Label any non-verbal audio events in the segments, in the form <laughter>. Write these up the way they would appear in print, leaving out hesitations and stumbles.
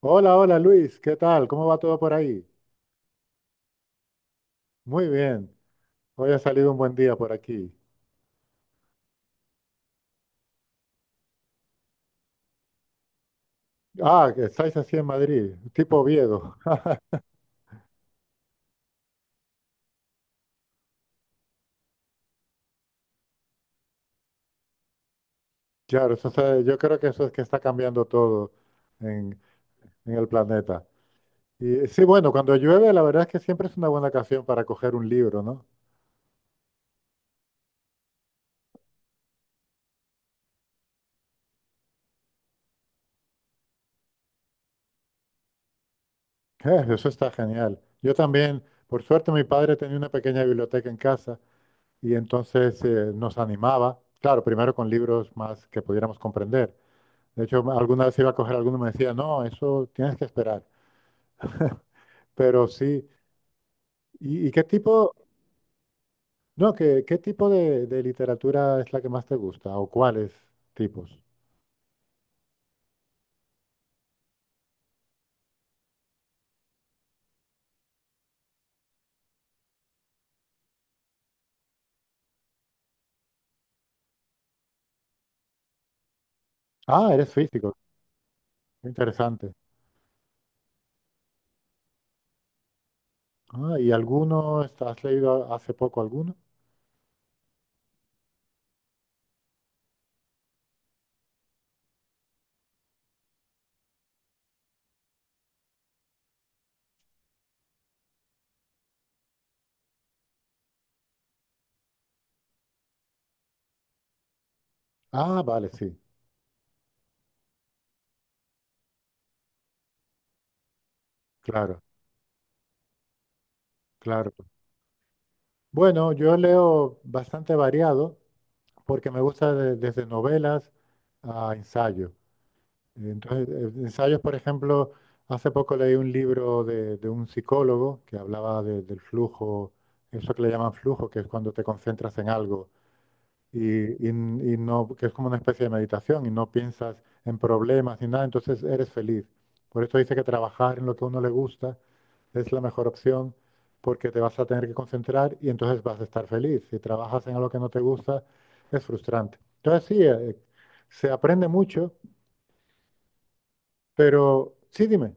Hola, hola Luis, ¿qué tal? ¿Cómo va todo por ahí? Muy bien, hoy ha salido un buen día por aquí. Ah, que estáis así en Madrid, tipo Oviedo. <laughs> Claro, yo creo que eso es que está cambiando todo en, en el planeta. Y sí, bueno, cuando llueve, la verdad es que siempre es una buena ocasión para coger un libro, ¿no? <laughs> Eso está genial. Yo también, por suerte, mi padre tenía una pequeña biblioteca en casa y entonces nos animaba, claro, primero con libros más que pudiéramos comprender. De hecho, alguna vez iba a coger alguno y me decía, no, eso tienes que esperar. Pero sí, y qué tipo, no, qué, qué tipo de literatura es la que más te gusta o cuáles tipos? Ah, eres físico, qué interesante. Ah, ¿y alguno, has leído hace poco alguno? Ah, vale, sí, claro, claro. Bueno, yo leo bastante variado porque me gusta desde novelas a ensayo. Entonces, ensayos, por ejemplo, hace poco leí un libro de un psicólogo que hablaba del flujo, eso que le llaman flujo, que es cuando te concentras en algo y no, que es como una especie de meditación y no piensas en problemas ni nada, entonces eres feliz. Por esto dice que trabajar en lo que a uno le gusta es la mejor opción porque te vas a tener que concentrar y entonces vas a estar feliz. Si trabajas en algo que no te gusta, es frustrante. Entonces, sí, se aprende mucho. Pero, sí, dime.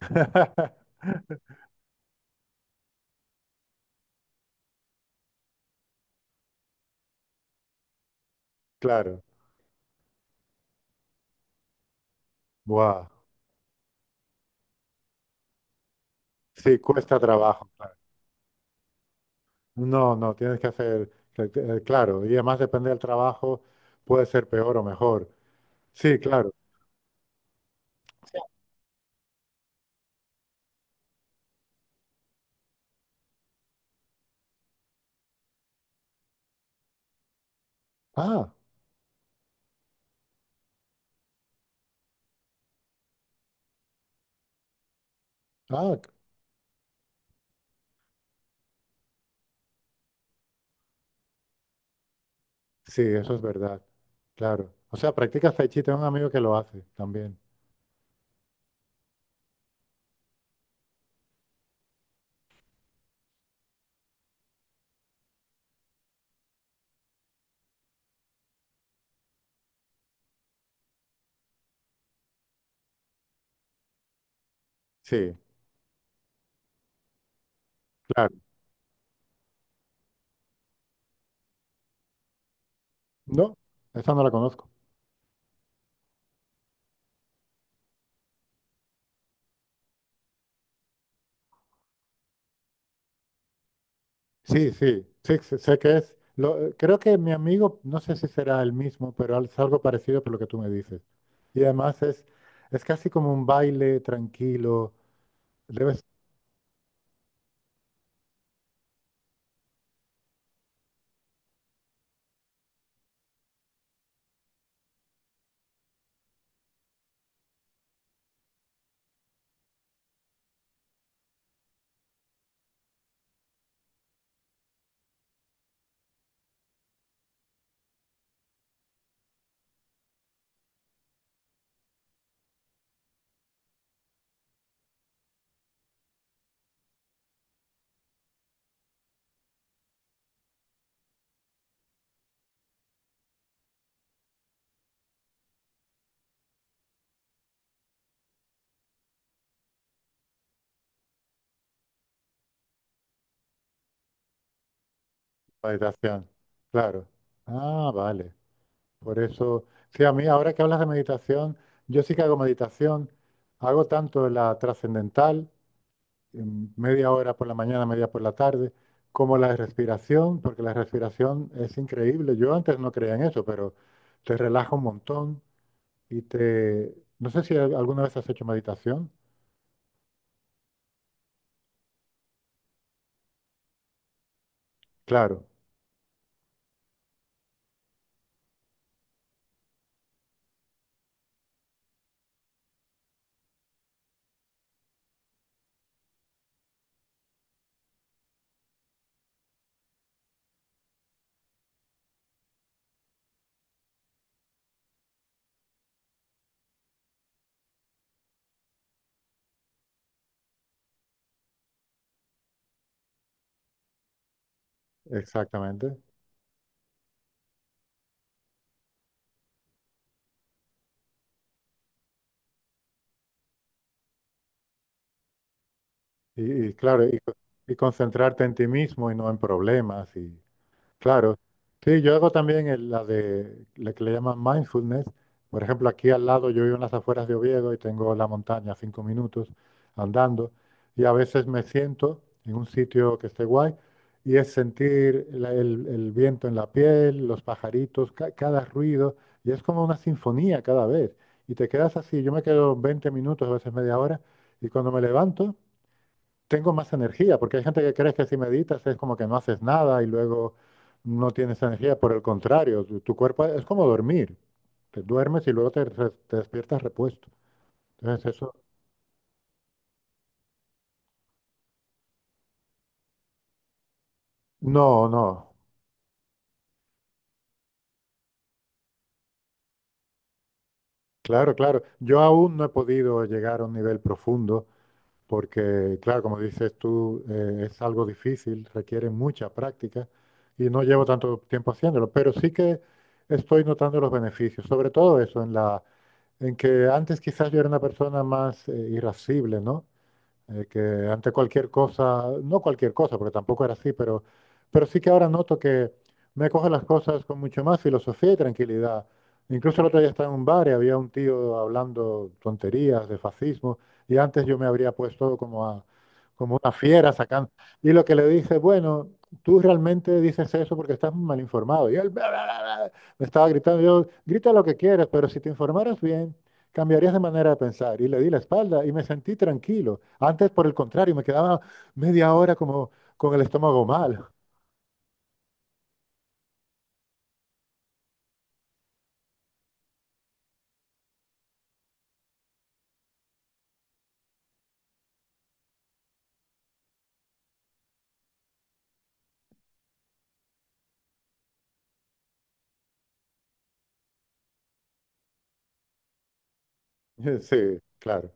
<laughs> Claro. Buah. Sí, cuesta trabajo. Claro. No, no, tienes que hacer, claro, y además depende del trabajo, puede ser peor o mejor. Sí, claro. Ah, ah, c- sí, eso es verdad. Claro. O sea, practicas tai chi, tengo un amigo que lo hace también. Sí, claro. No, esa no la conozco. Sí, sí, sí, sí, sé que es. Lo, creo que mi amigo, no sé si será el mismo, pero al- es algo parecido por lo que tú me dices. Y además es casi como un baile tranquilo, debe ser una meditación, claro. Ah, vale. Por eso, sí, a mí ahora que hablas de meditación, yo sí que hago meditación, hago tanto la trascendental, media hora por la mañana, media por la tarde, como la respiración, porque la respiración es increíble. Yo antes no creía en eso, pero te relaja un montón y te... No sé si al- alguna vez has hecho meditación. Claro, exactamente. Y, y claro, y, co- y concentrarte en ti mismo y no en problemas y, claro. Sí, yo hago también la de la que le llaman mindfulness. Por ejemplo, aquí al lado yo vivo en las afueras de Oviedo y tengo la montaña a 5 minutos andando y a veces me siento en un sitio que esté guay y es sentir el viento en la piel, los pajaritos, cada ruido y es como una sinfonía cada vez. Y te quedas así, yo me quedo 20 minutos, a veces media hora y cuando me levanto tengo más energía, porque hay gente que cree que si meditas es como que no haces nada y luego no tienes energía. Por el contrario, tu cuerpo es como dormir. Te duermes y luego te despiertas repuesto. Entonces eso... No, no. Claro, claro. Yo aún no he podido llegar a un nivel profundo porque, claro, como dices tú, es algo difícil, requiere mucha práctica y no llevo tanto tiempo haciéndolo, pero sí que estoy notando los beneficios, sobre todo eso, en que antes quizás yo era una persona más irascible, ¿no? Que ante cualquier cosa, no cualquier cosa, porque tampoco era así, pero sí que ahora noto que me coge las cosas con mucho más filosofía y tranquilidad. Incluso el otro día estaba en un bar y había un tío hablando tonterías de fascismo, y antes yo me habría puesto como a, como una fiera sacando. Y lo que le dije bueno, tú realmente dices eso porque estás mal informado. Y él bla, bla, bla, bla, me estaba gritando, yo, grita lo que quieras, pero si te informaras bien, cambiarías de manera de pensar. Y le di la espalda y me sentí tranquilo. Antes, por el contrario, me quedaba media hora como con el estómago mal. <laughs> Sí, claro,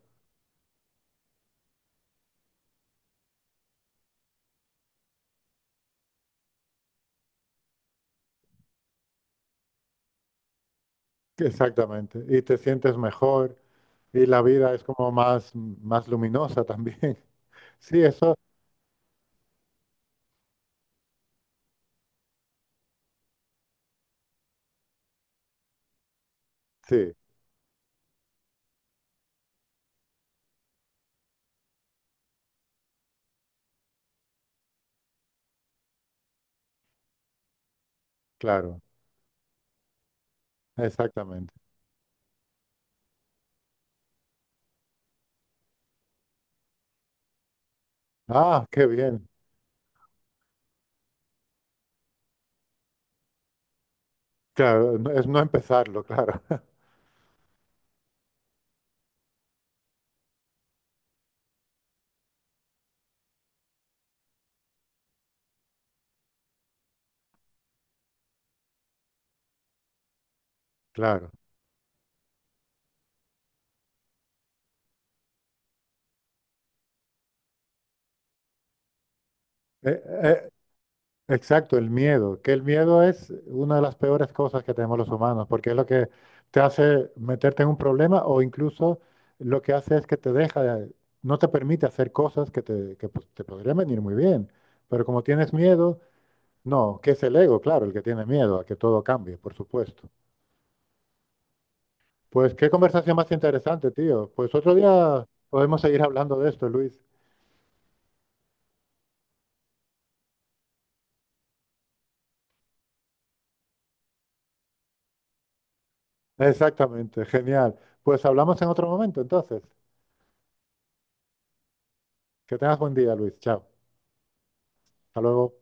exactamente. Y te sientes mejor y la vida es como más, más luminosa también. <laughs> Sí, eso, sí, claro, exactamente. Ah, qué bien. Claro, no- es no empezarlo, claro, <laughs> claro. Eh, eh, exacto, el miedo, que el miedo es una de las peores cosas que tenemos los humanos, porque es lo que te hace meterte en un problema o incluso lo que hace es que te deja, no te permite hacer cosas que te, que, pues, te podrían venir muy bien, pero como tienes miedo, no, que es el ego, claro, el que tiene miedo a que todo cambie, por supuesto. Pues qué conversación más interesante, tío. Pues otro día podemos seguir hablando de esto, Luis. Exactamente, genial. Pues hablamos en otro momento, entonces. Que tengas buen día, Luis. Chao. Hasta luego.